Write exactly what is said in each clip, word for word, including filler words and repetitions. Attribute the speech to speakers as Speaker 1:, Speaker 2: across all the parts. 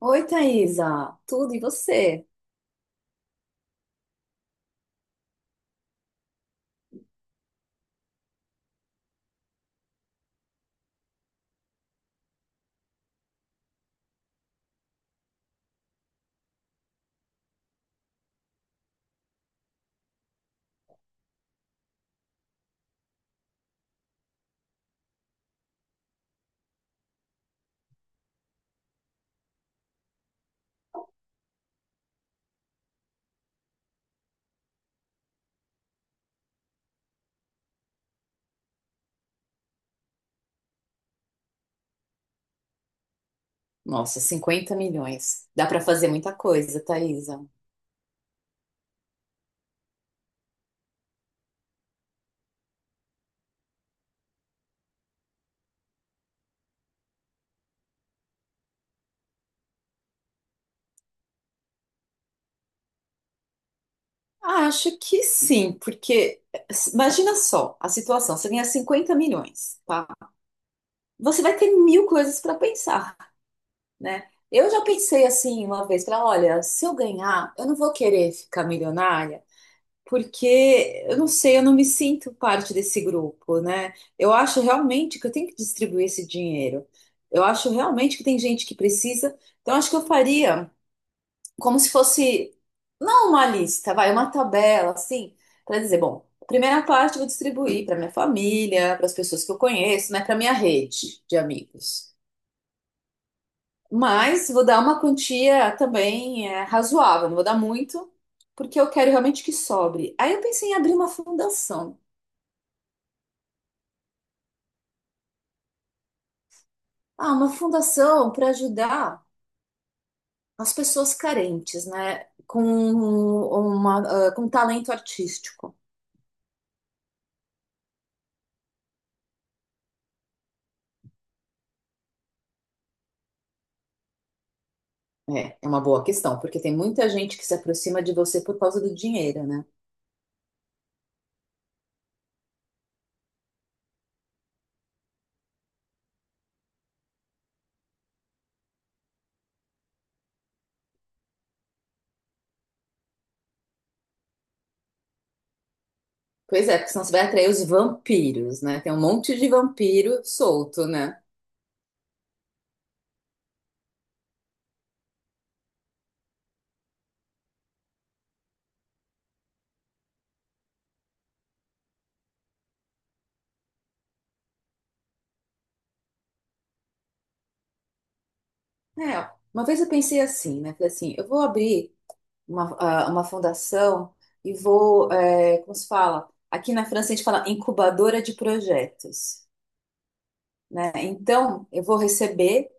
Speaker 1: Oi, Thaisa. Tudo e você? Nossa, cinquenta milhões. Dá para fazer muita coisa, Thaisa. Ah, acho que sim, porque imagina só a situação, você ganha cinquenta milhões, tá? Você vai ter mil coisas para pensar, né? Eu já pensei assim uma vez, falei, olha, se eu ganhar, eu não vou querer ficar milionária, porque eu não sei, eu não me sinto parte desse grupo, né? Eu acho realmente que eu tenho que distribuir esse dinheiro. Eu acho realmente que tem gente que precisa. Então acho que eu faria, como se fosse, não uma lista, vai, uma tabela, assim, para dizer, bom, a primeira parte eu vou distribuir para minha família, para as pessoas que eu conheço, né, para minha rede de amigos. Mas vou dar uma quantia também é, razoável, não vou dar muito, porque eu quero realmente que sobre. Aí eu pensei em abrir uma fundação. Ah, uma fundação para ajudar as pessoas carentes, né? Com uma, ah, com talento artístico. É, é uma boa questão, porque tem muita gente que se aproxima de você por causa do dinheiro, né? Pois é, porque senão você vai atrair os vampiros, né? Tem um monte de vampiro solto, né? É, uma vez eu pensei assim, né? Falei assim, eu vou abrir uma, ah, uma fundação e vou, é, como se fala? Aqui na França a gente fala incubadora de projetos, né? Então, eu vou receber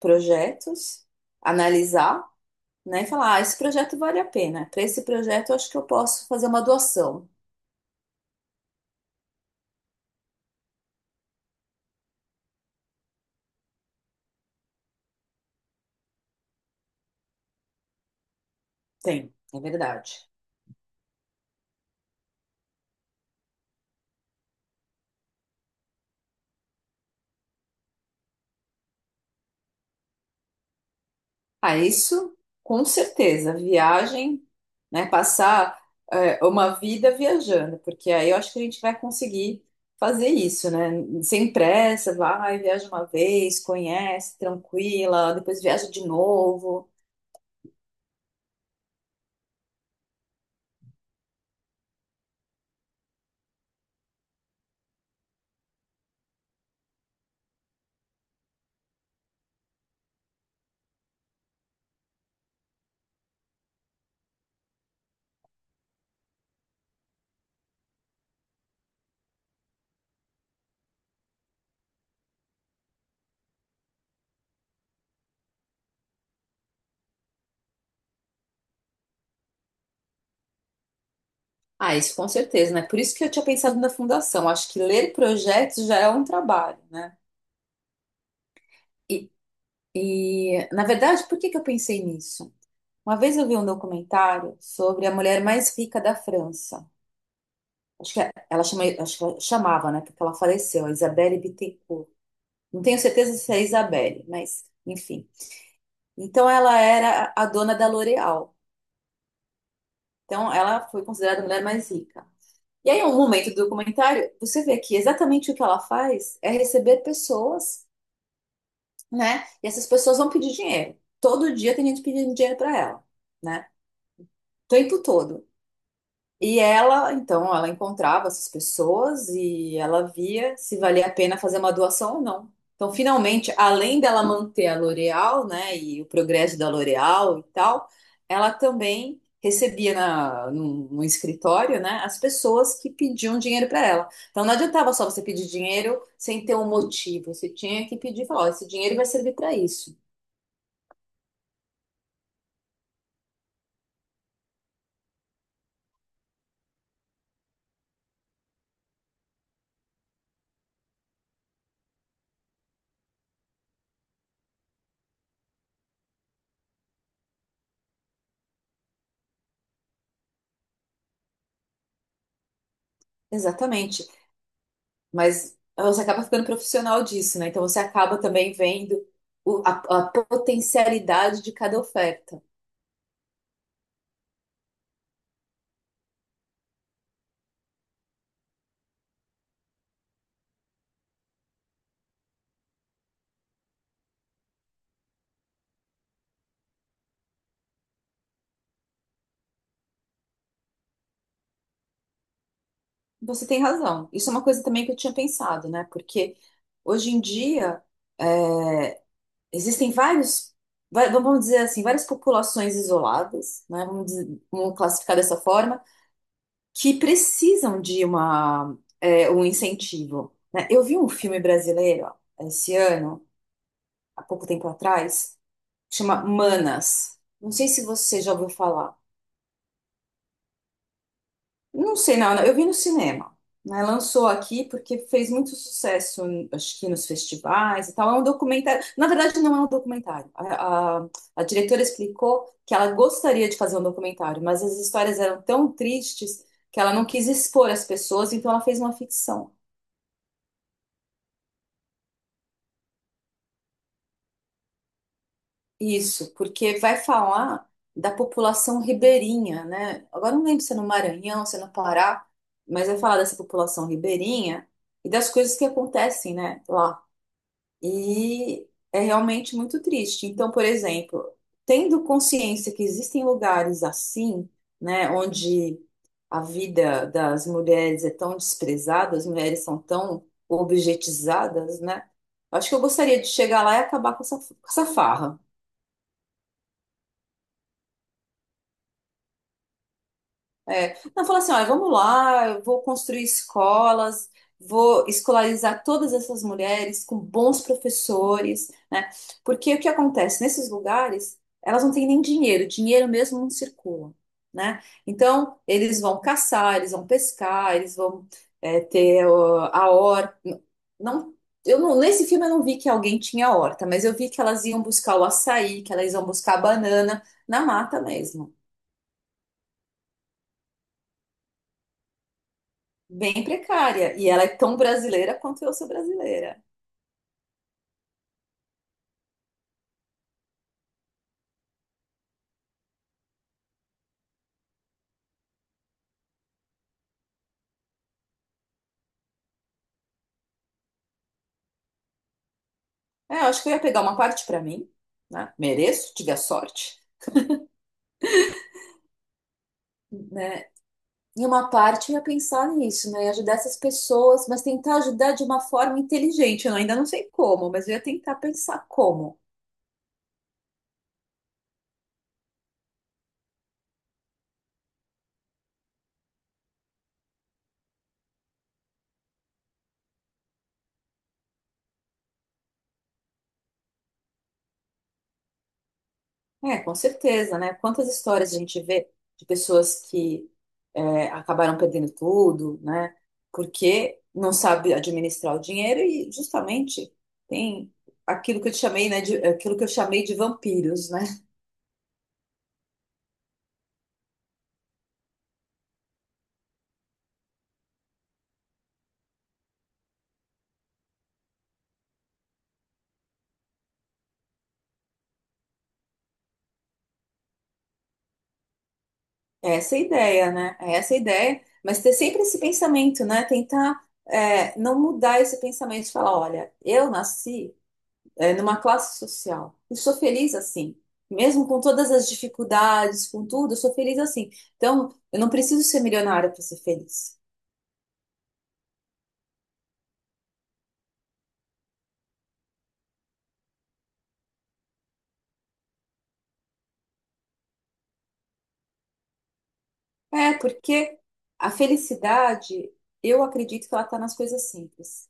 Speaker 1: projetos, analisar, né? E falar, ah, esse projeto vale a pena. Para esse projeto, eu acho que eu posso fazer uma doação. Tem, é verdade. Ah, isso com certeza. Viagem, né? Passar é, uma vida viajando, porque aí eu acho que a gente vai conseguir fazer isso, né? Sem pressa, vai, viaja uma vez, conhece, tranquila, depois viaja de novo. Ah, isso com certeza, né? Por isso que eu tinha pensado na fundação. Acho que ler projetos já é um trabalho, né? E, e na verdade, por que que eu pensei nisso? Uma vez eu vi um documentário sobre a mulher mais rica da França. Acho que é, ela chama, acho que ela chamava, né? Porque ela faleceu, a Isabelle Bittencourt. Não tenho certeza se é Isabelle, mas enfim. Então ela era a dona da L'Oréal. Então ela foi considerada a mulher mais rica. E aí, em um momento do documentário, você vê que exatamente o que ela faz é receber pessoas, né? E essas pessoas vão pedir dinheiro. Todo dia tem gente pedindo dinheiro para ela, né? O tempo todo. E ela, então, ela encontrava essas pessoas e ela via se valia a pena fazer uma doação ou não. Então, finalmente, além dela manter a L'Oréal, né, e o progresso da L'Oréal e tal, ela também recebia na, num, num escritório, né, as pessoas que pediam dinheiro para ela. Então, não adiantava só você pedir dinheiro sem ter um motivo. Você tinha que pedir e falar, ó, esse dinheiro vai servir para isso. Exatamente. Mas ah, você acaba ficando profissional disso, né? Então você acaba também vendo o- a, a potencialidade de cada oferta. Você tem razão. Isso é uma coisa também que eu tinha pensado, né? Porque hoje em dia eh, existem vários, vai- vamos dizer assim, várias populações isoladas, né? Vamos, dizer- vamos classificar dessa forma, que precisam de uma, é, um incentivo, né? Eu vi um filme brasileiro ó, esse ano, há pouco tempo atrás. Chama Manas. Não sei se você já ouviu falar. Não sei, não, eu vi no cinema. Né? Lançou aqui porque fez muito sucesso, acho que nos festivais e tal. É um documentário. Na verdade, não é um documentário. A, a- a diretora explicou que ela gostaria de fazer um documentário, mas as histórias eram tão tristes que ela não quis expor as pessoas, então ela fez uma ficção. Isso, porque vai falar da população ribeirinha, né? Agora não lembro se é no Maranhão, se é no Pará, mas vai falar dessa população ribeirinha e das coisas que acontecem, né, lá. E é realmente muito triste. Então, por exemplo, tendo consciência que existem lugares assim, né, onde a vida das mulheres é tão desprezada, as mulheres são tão objetizadas, né? Acho que eu gostaria de chegar lá e acabar com essa, com essa farra. É, não, fala assim, olha, vamos lá, eu vou construir escolas, vou escolarizar todas essas mulheres com bons professores, né? Porque o que acontece? Nesses lugares, elas não têm nem dinheiro, dinheiro mesmo não circula, né? Então, eles vão caçar, eles vão pescar, eles vão é, ter ó, a horta. Não, eu não, nesse filme eu não vi que alguém tinha horta, mas eu vi que elas iam buscar o açaí, que elas iam buscar a banana na mata mesmo. Bem precária. E ela é tão brasileira quanto eu sou brasileira. É, eu acho que eu ia pegar uma parte para mim, né? Mereço, tive a sorte, né? E uma parte eu ia pensar nisso, né? E ajudar essas pessoas, mas tentar ajudar de uma forma inteligente. Eu ainda não sei como, mas eu ia tentar pensar como. É, com certeza, né? Quantas histórias a gente vê de pessoas que é, acabaram perdendo tudo, né? Porque não sabe administrar o dinheiro e justamente tem aquilo que eu te chamei, né? De, aquilo que eu chamei de vampiros, né? É essa a ideia, né? É essa a ideia, mas ter sempre esse pensamento, né? Tentar é, não mudar esse pensamento de falar, olha, eu nasci é, numa classe social. Eu sou feliz assim. Mesmo com todas as dificuldades, com tudo, eu sou feliz assim. Então, eu não preciso ser milionária para ser feliz. É, porque a felicidade, eu acredito que ela está nas coisas simples.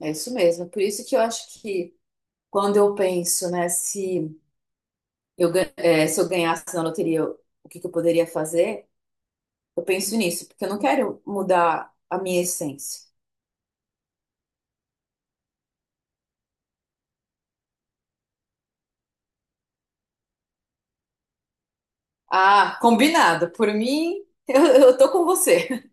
Speaker 1: É, é isso mesmo. Por isso que eu acho que quando eu penso, né, se eu, gan- é, se eu ganhasse na loteria, eu- o que que eu poderia fazer? Eu penso nisso, porque eu não quero mudar a minha essência. Ah, combinado. Por mim, eu, eu tô com você.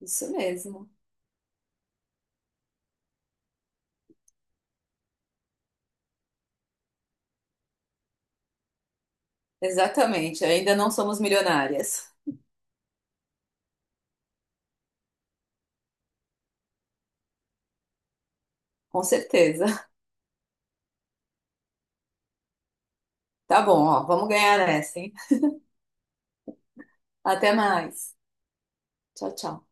Speaker 1: Isso mesmo. Exatamente. Ainda não somos milionárias. Com certeza. Tá bom, ó. Vamos ganhar essa, hein? Até mais. Tchau, tchau.